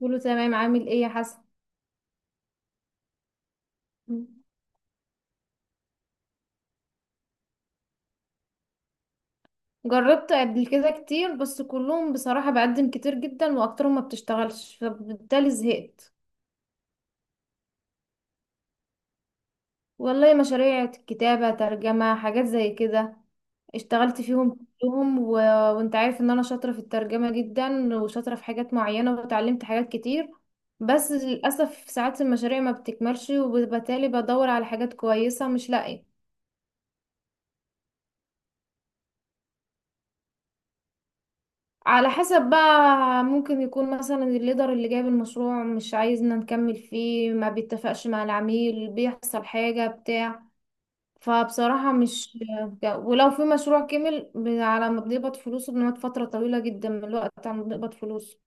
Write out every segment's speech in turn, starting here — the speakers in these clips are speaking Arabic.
كله تمام. عامل ايه يا حسن؟ جربت قبل كده كتير، بس كلهم بصراحة بقدم كتير جدا واكترهم ما بتشتغلش، فبالتالي زهقت. والله مشاريع كتابة، ترجمة، حاجات زي كده. اشتغلت فيهم كلهم وانت عارف ان انا شاطرة في الترجمة جدا، وشاطرة في حاجات معينة وتعلمت حاجات كتير. بس للأسف ساعات المشاريع ما بتكملش، وبالتالي بدور على حاجات كويسة مش لاقية. على حسب بقى. ممكن يكون مثلا الليدر اللي جايب المشروع مش عايزنا نكمل فيه، ما بيتفقش مع العميل، بيحصل حاجة بتاع، فبصراحة مش. ولو في مشروع كمل على ما بنقبض فلوسه بنقعد فترة طويلة جدا من الوقت على ما بنقبض فلوسه.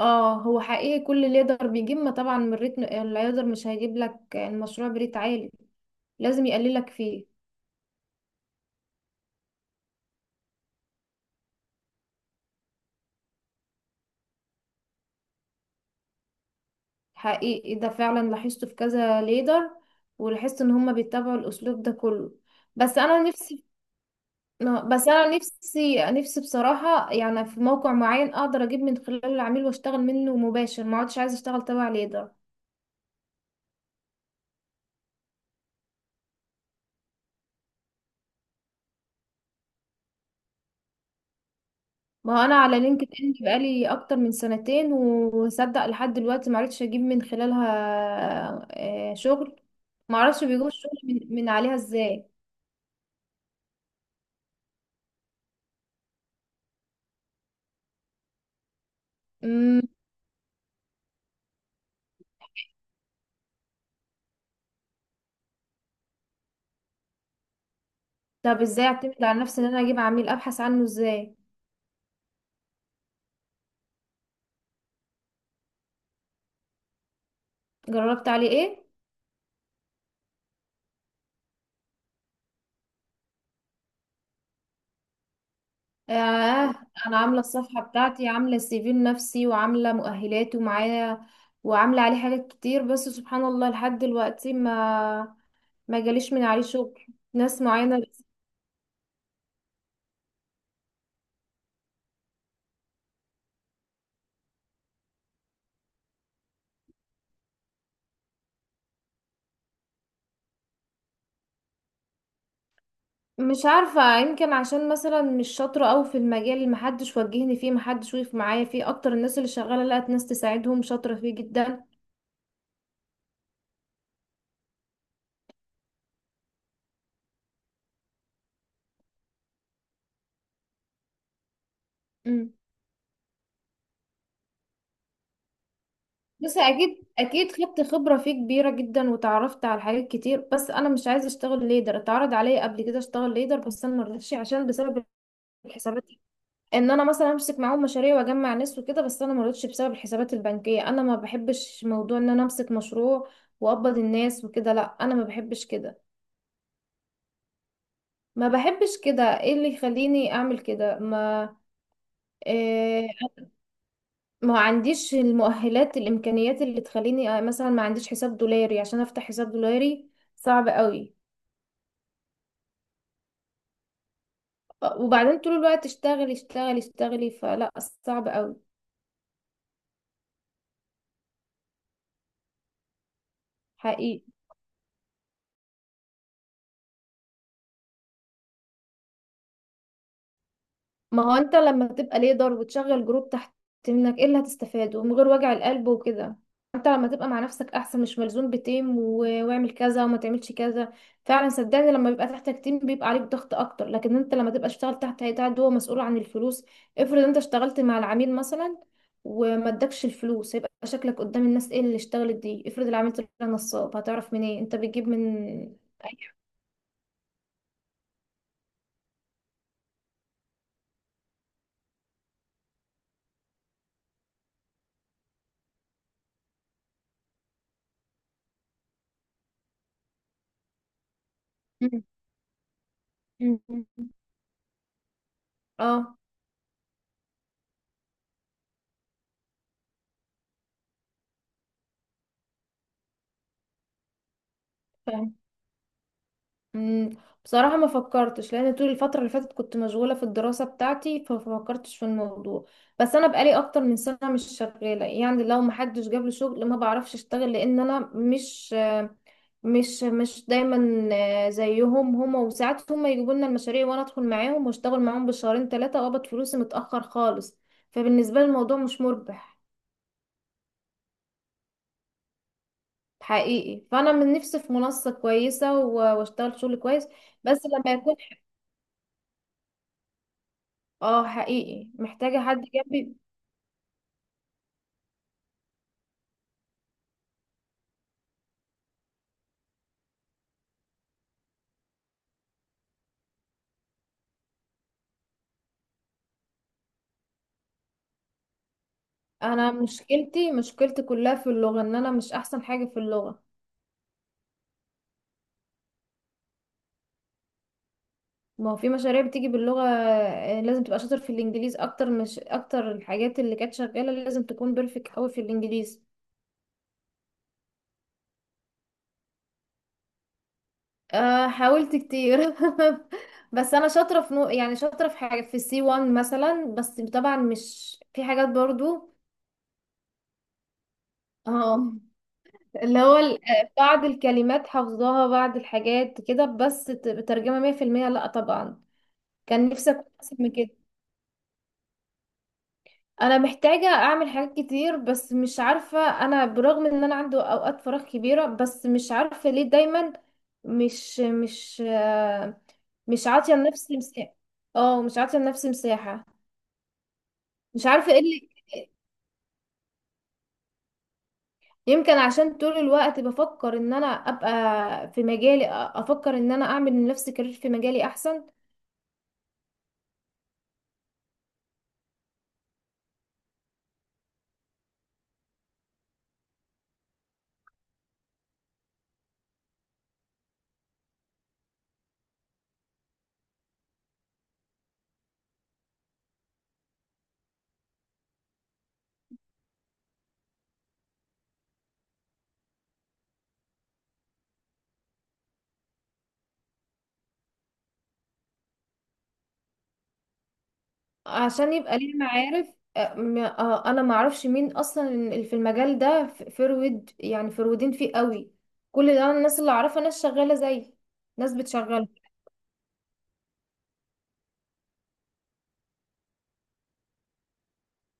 اه، هو حقيقي كل ليدر بيجيب، ما طبعا من الريتم الليدر مش هيجيب لك المشروع بريت عالي، لازم يقللك فيه. حقيقي ده فعلا لاحظته في كذا ليدر، ولاحظت ان هما بيتبعوا الاسلوب ده كله. بس انا نفسي. بس انا نفسي بصراحة يعني في موقع معين اقدر اجيب من خلاله العميل واشتغل منه مباشر، ما عادش عايزة اشتغل تبع ليدر. ما هو انا على لينكد ان بقالي اكتر من سنتين، وصدق لحد دلوقتي ما عرفتش اجيب من خلالها شغل. ما اعرفش بيجيبوا الشغل من عليها ازاي. مم، طب ازاي اعتمد على نفسي ان انا اجيب عميل؟ ابحث عنه ازاي؟ جربت عليه ايه. آه. أنا عاملة الصفحة بتاعتي، عاملة السي في النفسي، وعاملة مؤهلات ومعايا، وعاملة عليه حاجات كتير. بس سبحان الله لحد دلوقتي ما جاليش من عليه شغل. ناس معينة. مش عارفة، يمكن عشان مثلا مش شاطرة أوي في المجال، اللي محدش وجهني فيه، محدش وقف معايا فيه. أكتر الناس اللي شغالة لقت ناس تساعدهم شاطرة فيه جدا. امم. بس أكيد أكيد خدت خبرة فيه كبيرة جدا، وتعرفت على حاجات كتير. بس أنا مش عايزة أشتغل ليدر. اتعرض عليا قبل كده أشتغل ليدر بس أنا مرضتش، عشان بسبب الحسابات. ان انا مثلا امسك معاهم مشاريع واجمع ناس وكده، بس انا ما رضيتش بسبب الحسابات البنكيه. انا ما بحبش موضوع ان انا امسك مشروع واقبض الناس وكده، لا انا ما بحبش كده. ما بحبش كده. ايه اللي يخليني اعمل كده؟ ما. إيه؟ ما عنديش المؤهلات، الامكانيات اللي تخليني. مثلا ما عنديش حساب دولاري عشان افتح حساب دولاري. صعب قوي. وبعدين طول الوقت اشتغلي اشتغلي اشتغلي، فلا. صعب قوي. حقيقي. ما هو انت لما تبقى ليدر وتشغل جروب تحت منك، ايه اللي هتستفاده من غير وجع القلب وكده؟ انت لما تبقى مع نفسك احسن، مش ملزوم بتيم واعمل كذا وما تعملش كذا. فعلا صدقني لما بيبقى تحتك تيم بيبقى عليك ضغط اكتر، لكن انت لما تبقى اشتغل تحت هيئة عد هو مسؤول عن الفلوس. افرض انت اشتغلت مع العميل مثلا وما ادكش الفلوس، هيبقى شكلك قدام الناس ايه؟ اللي اشتغلت دي، افرض العميل طلع نصاب، هتعرف منين انت بتجيب من. أي- مم. مم. اه. مم، بصراحة ما فكرتش، لأن طول الفترة اللي فاتت كنت مشغولة في الدراسة بتاعتي، فما فكرتش في الموضوع. بس أنا بقالي أكتر من سنة مش شغالة، يعني لو ما حدش جاب لي شغل ما بعرفش أشتغل، لأن أنا مش دايما زيهم هما. وساعات هما يجيبوا لنا المشاريع وأنا أدخل معاهم وأشتغل معاهم بالشهرين ثلاثة، وأقبض فلوسي متأخر خالص. فبالنسبة لي الموضوع مش مربح. حقيقي. فأنا من نفسي في منصة كويسة وأشتغل شغل كويس. بس لما يكون. اه حقيقي محتاجة حد جنبي. انا مشكلتي كلها في اللغة، ان انا مش احسن حاجة في اللغة. ما هو في مشاريع بتيجي باللغة، لازم تبقى شاطر في الانجليز اكتر. مش اكتر الحاجات اللي كانت شغالة لازم تكون بيرفكت قوي في الانجليز. أه حاولت كتير بس انا شاطرة في نوع، يعني شاطرة في حاجة في السي 1 مثلا، بس طبعا مش في حاجات برضو. اه، اللي هو بعض الكلمات حافظاها، بعض الحاجات كده، بس ترجمة مية في المية لأ طبعا. كان نفسي اكون احسن من كده. انا محتاجه اعمل حاجات كتير بس مش عارفه. انا برغم ان انا عندي اوقات فراغ كبيره بس مش عارفه ليه دايما مش مش آه، مش عاطيه لنفسي مساحه. اه مش عاطيه لنفسي مساحه. مش عارفه ايه اللي. يمكن عشان طول الوقت بفكر ان انا ابقى في مجالي، افكر ان انا اعمل لنفسي كارير في مجالي احسن. عشان يبقى ليه معارف. انا ما اعرفش مين اصلا اللي في المجال ده. فرود يعني، فرودين فيه قوي. كل ده، أنا الناس اللي اعرفها ناس شغاله زي ناس بتشغله.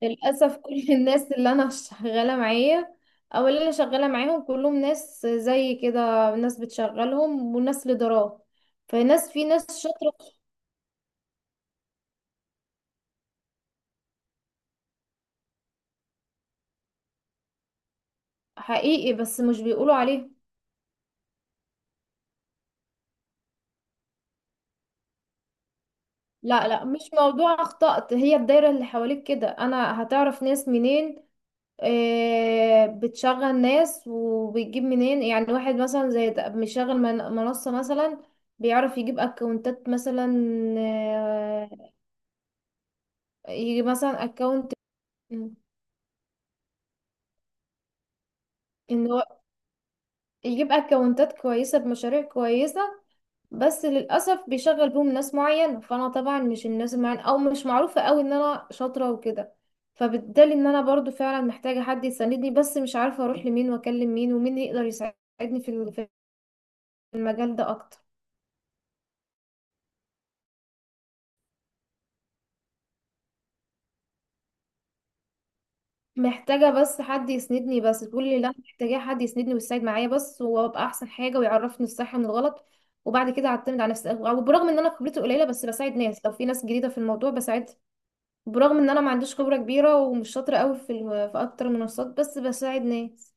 للاسف كل الناس اللي انا شغاله معايا او اللي انا شغاله معاهم كلهم ناس زي كده. ناس بتشغلهم وناس ليدرات. فناس في ناس شاطره حقيقي، بس مش بيقولوا عليهم. لا لا، مش موضوع اخطأت. هي الدايره اللي حواليك كده، انا هتعرف ناس منين؟ بتشغل ناس وبتجيب منين، يعني واحد مثلا زي ده مشغل منصة مثلا، بيعرف يجيب اكونتات مثلا. آه، يجيب مثلا اكونت. ان هو يجيب اكونتات كويسة بمشاريع كويسة، بس للأسف بيشغل بيهم ناس معين. فأنا طبعا مش الناس المعين، أو مش معروفة أوي إن أنا شاطرة وكده. فبالتالي إن أنا برضو فعلا محتاجة حد يساندني، بس مش عارفة أروح لمين وأكلم مين ومين يقدر يساعدني في في المجال ده أكتر. محتاجة بس حد يسندني، بس تقول لي لا محتاجة حد يسندني ويساعد معايا، بس وابقى احسن حاجة ويعرفني الصح من الغلط. وبعد كده اعتمد على نفسي. وبرغم ان انا خبرتي قليلة بس بساعد ناس، لو في ناس جديدة في الموضوع بساعدها. برغم ان انا ما عنديش خبرة كبيرة ومش شاطرة قوي في في اكتر منصات، بس بساعد ناس.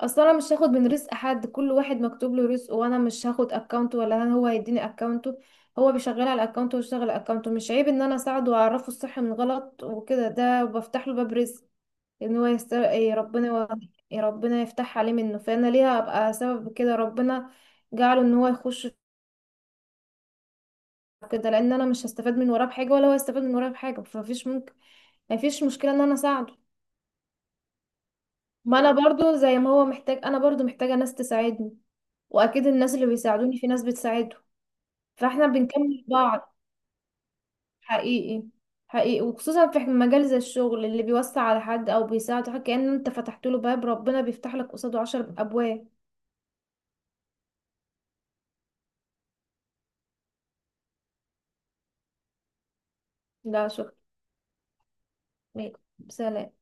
اصل انا مش هاخد من رزق حد. كل واحد مكتوب له رزقه، وانا مش هاخد اكونت ولا هو هيديني اكونته. هو بيشغل على اكونته ويشتغل على اكونته، مش عيب ان انا اساعده واعرفه الصح من الغلط وكده، ده بفتح له باب رزق. ان هو يستر. إيه ربنا إيه ربنا يفتح عليه منه. فانا ليه ابقى سبب كده؟ ربنا جعله ان هو يخش في كده، لان انا مش هستفاد من وراه بحاجه ولا هو هيستفاد من وراه بحاجه. فمفيش ممكن. مفيش مشكله ان انا اساعده. ما انا برضو زي ما هو محتاج، انا برضو محتاجه ناس تساعدني. واكيد الناس اللي بيساعدوني في ناس بتساعده. فاحنا بنكمل بعض. حقيقي. حقيقي وخصوصا في مجال زي الشغل، اللي بيوسع على حد او بيساعده حاجة كأن انت فتحت له باب، ربنا بيفتح لك قصاده 10 ابواب. لا شكرا. سلام.